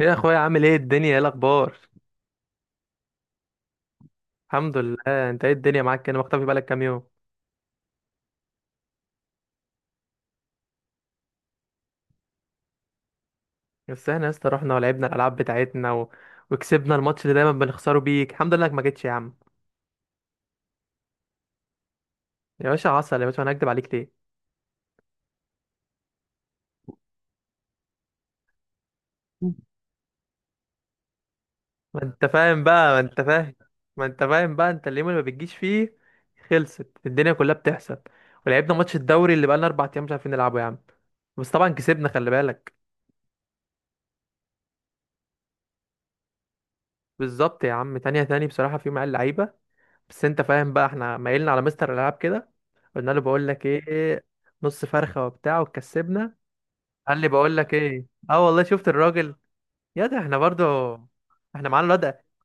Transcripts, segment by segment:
ايه يا اخويا، عامل ايه؟ الدنيا ايه الاخبار؟ الحمد لله. انت ايه، الدنيا معاك كده؟ مختفي بقالك كام يوم. بس احنا يا اسطى رحنا ولعبنا الالعاب بتاعتنا وكسبنا الماتش اللي دايما بنخسره بيك. الحمد لله انك ما جيتش يا عم. يا باشا، عسل يا باشا، انا هكدب عليك ليه؟ ما انت فاهم بقى، ما انت فاهم. ما انت فاهم بقى، انت اليوم اللي ما بتجيش فيه خلصت الدنيا كلها بتحصل. ولعبنا ماتش الدوري اللي بقالنا اربع ايام مش عارفين نلعبه يا عم. بس طبعا كسبنا، خلي بالك. بالظبط يا عم، تانية تاني. بصراحة في مع اللعيبة، بس انت فاهم بقى، احنا مايلنا على مستر الالعاب كده. قلنا له بقول لك ايه، نص فرخه وبتاع، وكسبنا. قال لي بقول لك ايه، اه والله شفت الراجل. يا ده احنا برضو، احنا معانا الواد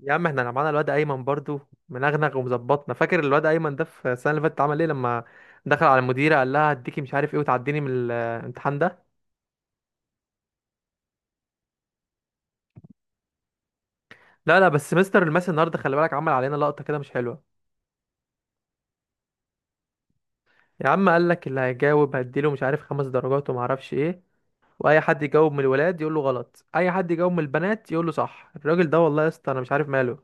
يا عم احنا معانا الواد ايمن برضو، منغنغ ومظبطنا. فاكر الواد ايمن ده في السنه اللي فاتت عمل ايه؟ لما دخل على المديره قال لها هديكي مش عارف ايه وتعديني من الامتحان ده. لا لا بس مستر الماس النهارده، خلي بالك، عمل علينا لقطه كده مش حلوه. يا عم قال لك اللي هيجاوب هديله مش عارف خمس درجات وما اعرفش ايه. واي حد يجاوب من الولاد يقول له غلط، اي حد يجاوب من البنات يقول له صح. الراجل ده والله يا اسطى انا مش عارف ماله.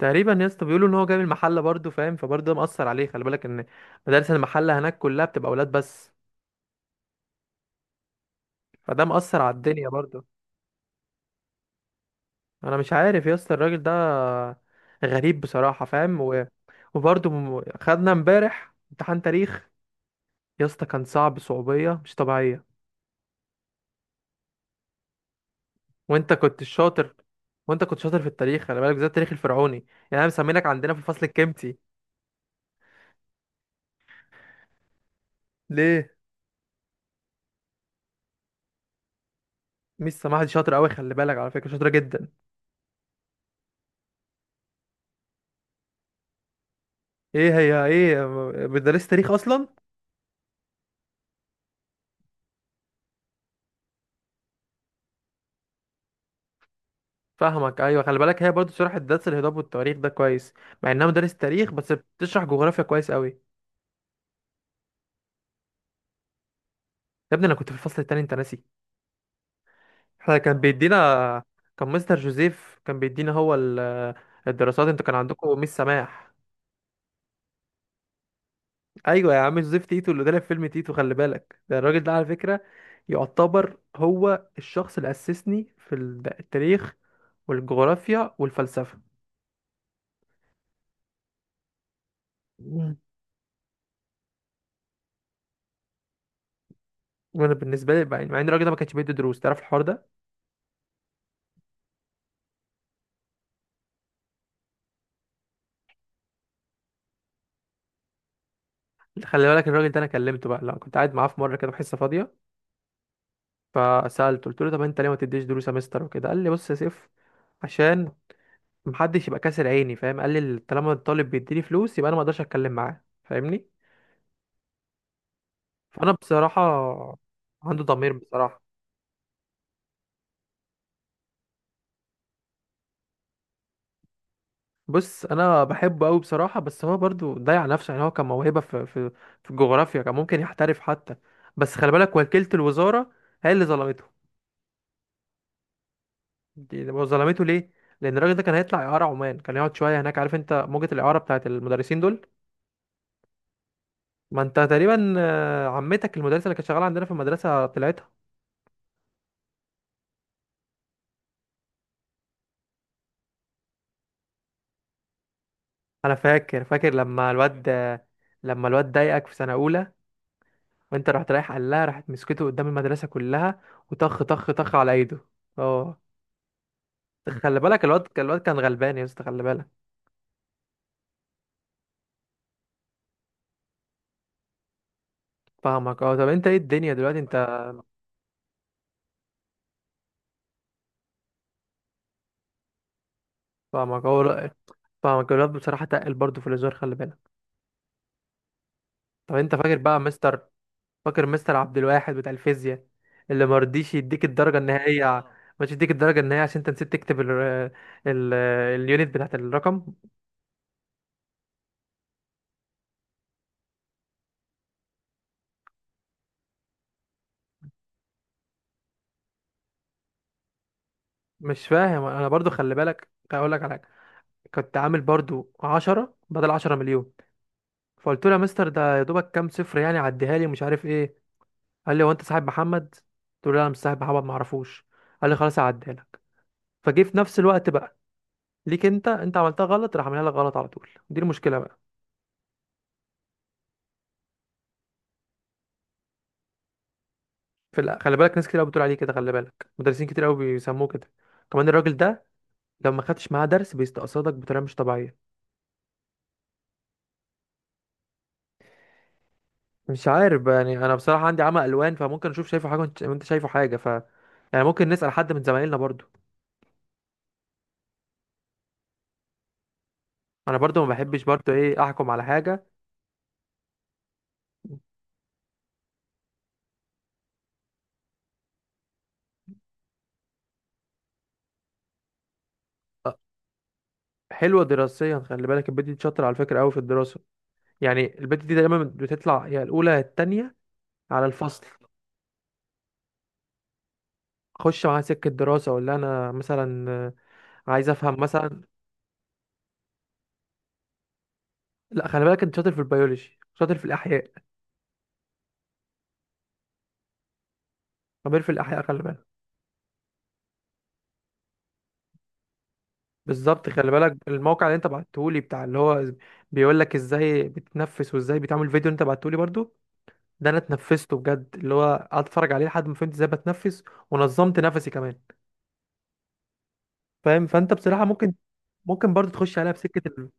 تقريبا يا اسطى بيقولوا ان هو جاي من المحله برضه، فاهم؟ فبرضه ده مأثر عليه. خلي بالك ان مدارس المحله هناك كلها بتبقى اولاد بس، فده مأثر على الدنيا برضه. انا مش عارف يا اسطى، الراجل ده غريب بصراحه، فاهم؟ خدنا امبارح امتحان تاريخ. يا اسطى كان صعب صعوبيه مش طبيعيه. وانت كنت شاطر، وانت كنت شاطر في التاريخ، خلي بالك، بالذات التاريخ الفرعوني. يعني انا مسمينك عندنا في الفصل الكمتي. ليه؟ ميس سماح دي شاطرة أوي، خلي بالك، على فكرة شاطرة جدا. إيه هي إيه، مدرسة تاريخ أصلا. فاهمك، أيوة، خلي بالك، هي برضو شرحت درس الهضاب والتواريخ ده كويس، مع إنها مدرسة تاريخ بس بتشرح جغرافيا كويس أوي. يا ابني أنا كنت في الفصل التاني، أنت ناسي. إحنا كان بيدينا، كان مستر جوزيف كان بيدينا، الدراسات أنتوا كان عندكم ميس سماح. أيوة يا عم، جوزيف تيتو اللي طلع في فيلم تيتو، خلي بالك، ده الراجل ده على فكرة يعتبر هو الشخص اللي أسسني في التاريخ والجغرافيا والفلسفة. وانا بالنسبه لي بقى، مع ان الراجل ده ما كانش بيدي دروس، تعرف الحوار ده. خلي بالك الراجل ده انا كلمته بقى، لا كنت قاعد معاه في مره كده في حصه فاضيه، فسالته قلت له طب انت ليه ما تديش دروس يا مستر وكده. قال لي بص يا سيف، عشان محدش يبقى كاسر عيني، فاهم؟ قال لي طالما الطالب بيديني فلوس يبقى انا ما اقدرش اتكلم معاه، فاهمني؟ فانا بصراحه، عنده ضمير بصراحه. بص انا بحبه قوي بصراحه، بس هو برضو ضيع نفسه. يعني هو كان موهبه في في الجغرافيا، كان ممكن يحترف حتى. بس خلي بالك وكيله الوزاره هي اللي ظلمته. دي هو ظلمته ليه؟ لان الراجل ده كان هيطلع اعاره عمان، كان يقعد شويه هناك. عارف انت موجه الاعاره بتاعت المدرسين دول، ما انت تقريبا عمتك المدرسه اللي كانت شغاله عندنا في المدرسه طلعتها. انا فاكر، فاكر لما الواد، لما الواد ضايقك في سنه اولى، وانت رحت رايح قال لها، راحت مسكته قدام المدرسه كلها، وطخ طخ طخ على ايده. اه، خلي بالك الواد كان غلبان يا اسطى، خلي بالك. فاهمك، اه. طب انت ايه الدنيا دلوقتي انت؟ فاهمك، اه، لا، فاهمك. الواد بصراحه تقل برضه في الهزار، خلي بالك. طب انت فاكر بقى مستر، فاكر مستر عبد الواحد بتاع الفيزياء اللي ما رضيش يديك الدرجة النهائية ما رضيش يديك الدرجة النهائية عشان انت نسيت تكتب ال اليونت بتاعت الرقم؟ مش فاهم انا برضو. خلي بالك اقول لك على حاجة، كنت عامل برضو 10 بدل 10 مليون. فقلت له يا مستر ده يا دوبك كام صفر يعني، عديها لي، مش عارف ايه. قال لي هو انت صاحب محمد؟ قلت له لا انا مش صاحب محمد، ما اعرفوش. قال لي خلاص هعديها لك. فجه في نفس الوقت بقى ليك انت، انت عملتها غلط، راح عاملها لك غلط على طول. دي المشكلة بقى. خلي بالك ناس كتير قوي بتقول عليه كده، خلي بالك، مدرسين كتير قوي بيسموه كده. كمان الراجل ده لو ما خدتش معاه درس بيستقصدك بطريقه مش طبيعيه. مش عارف بقى، يعني انا بصراحه عندي عمى الوان، فممكن اشوف شايفه حاجه وأنت شايفه حاجه. يعني ممكن نسال حد من زمايلنا برضو. انا برضو ما بحبش برضو ايه احكم على حاجه. أه، حلوه دراسيا، خلي بالك، البت دي شاطره على فكره قوي في الدراسه. يعني البت دي دايما بتطلع يا الاولى يا التانيه على الفصل. خش معاها سكه دراسه. ولا انا مثلا عايز افهم مثلا، لا، خلي بالك انت شاطر في البيولوجي، شاطر في الاحياء، خبير في الاحياء، خلي بالك. بالظبط، خلي بالك الموقع اللي انت بعته لي بتاع اللي هو بيقول لك ازاي بتتنفس وازاي بتعمل، فيديو اللي انت بعته لي برضو ده انا اتنفسته بجد، اللي هو قعدت اتفرج عليه لحد ما فهمت ازاي بتنفس، ونظمت نفسي كمان، فاهم؟ فانت بصراحة ممكن، ممكن برضو تخش عليها بسكة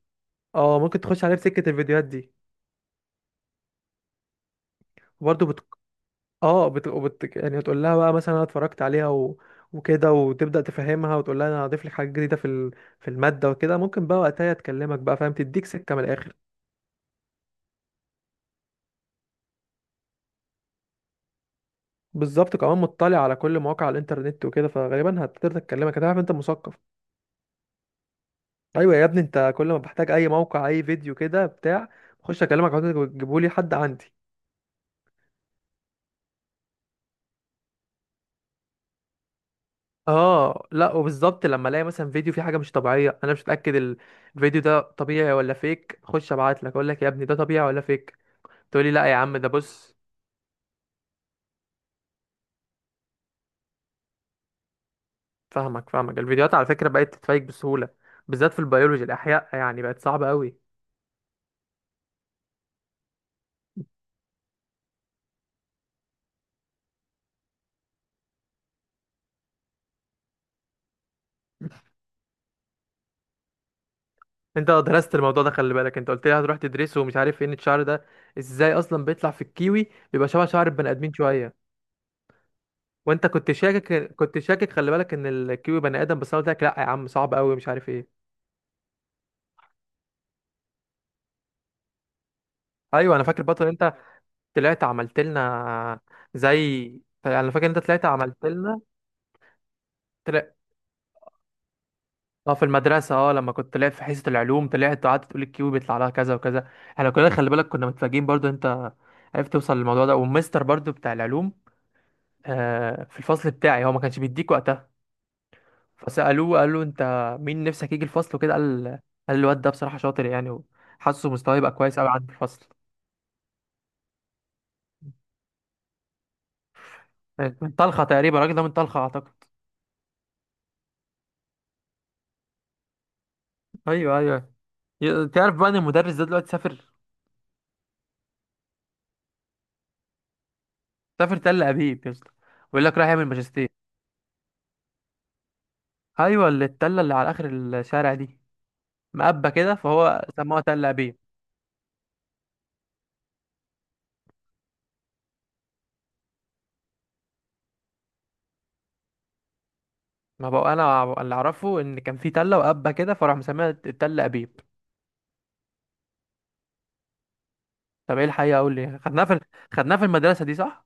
اه ممكن تخش عليها بسكة الفيديوهات دي برضو. اه يعني تقول لها بقى مثلا انا اتفرجت عليها وكده، وتبدأ تفهمها، وتقول لها انا هضيف لك حاجة جديدة في المادة وكده. ممكن بقى وقتها تكلمك بقى، فاهم؟ تديك سكة من الآخر. بالظبط، كمان مطلع على كل مواقع الانترنت وكده، فغالبا هتقدر تكلمك، هتعرف انت مثقف. ايوه يا ابني، انت كل ما بحتاج اي موقع، اي فيديو كده بتاع، بخش اكلمك، عاوزين تجيبوا لي حد عندي. اه لا، وبالظبط لما الاقي مثلا فيديو فيه حاجه مش طبيعيه انا مش متاكد الفيديو ده طبيعي ولا فيك، اخش ابعت لك اقول لك يا ابني ده طبيعي ولا فيك، تقولي لا يا عم ده بص. فاهمك، فاهمك. الفيديوهات على فكرة بقت تتفيك بسهولة، بالذات في البيولوجي الأحياء، يعني بقت صعبة قوي. انت درست الموضوع ده، خلي بالك، انت قلت لي هتروح تدرسه ومش عارف فين الشعر ده، ازاي اصلا بيطلع في الكيوي، بيبقى شبه شعر البني ادمين شوية. وانت كنت شاكك، كنت شاكك، خلي بالك، ان الكيوي بني ادم، بس انا قلت لك لا يا عم صعب قوي، مش عارف ايه. ايوه انا فاكر، بطل انت، طلعت عملت لنا زي، يعني انا فاكر انت طلعت عملت لنا، اه، في المدرسة، اه لما كنت طلعت في حصة العلوم، طلعت وقعدت تقول الكيو بيطلع لها كذا وكذا، احنا كلنا خلي بالك كنا متفاجئين برضو انت عرفت توصل للموضوع ده. والمستر برضو بتاع العلوم، آه، في الفصل بتاعي، هو ما كانش بيديك وقتها. فسألوه، قالوا انت مين نفسك يجي الفصل وكده، قال، قال الواد ده بصراحة شاطر يعني، وحاسه مستواه يبقى كويس قوي عند الفصل. من طلخة تقريبا الراجل ده، من طلخة اعتقد. ايوه ايوه. تعرف بقى ان المدرس ده دلوقتي سافر، سافر تل ابيب يا اسطى، ويقول لك رايح يعمل ماجستير. ايوه، اللي التله اللي على اخر الشارع دي مقبة كده، فهو سموها تل أبيب. ما بقى أنا اللي أعرفه إن كان في تلة وقبة كده، فراح مسميها تل أبيب. طب إيه الحقيقة، أقول لي، خدناها في، خدناها في المدرسة دي صح؟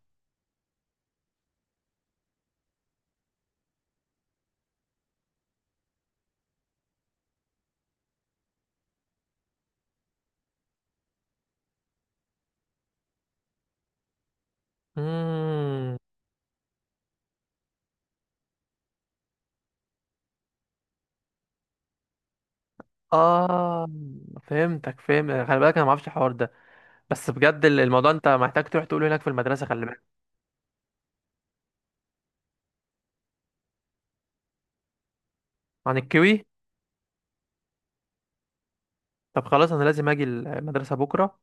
امم، آه، فهمتك، فهمت، خلي بالك أنا ما أعرفش الحوار ده. بس بجد الموضوع أنت محتاج تروح تقوله هناك في المدرسة، خلي بالك. عن الكيوي. طب خلاص أنا لازم أجي المدرسة بكرة.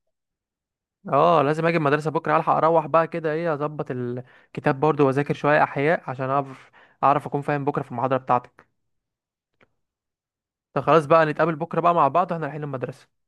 آه لازم أجي المدرسة بكرة ألحق أروح بقى كده، إيه، أظبط الكتاب برضو وأذاكر شوية أحياء عشان أعرف أكون فاهم بكرة في المحاضرة بتاعتك. طب خلاص بقى نتقابل بكرة بقى مع بعض واحنا رايحين المدرسة.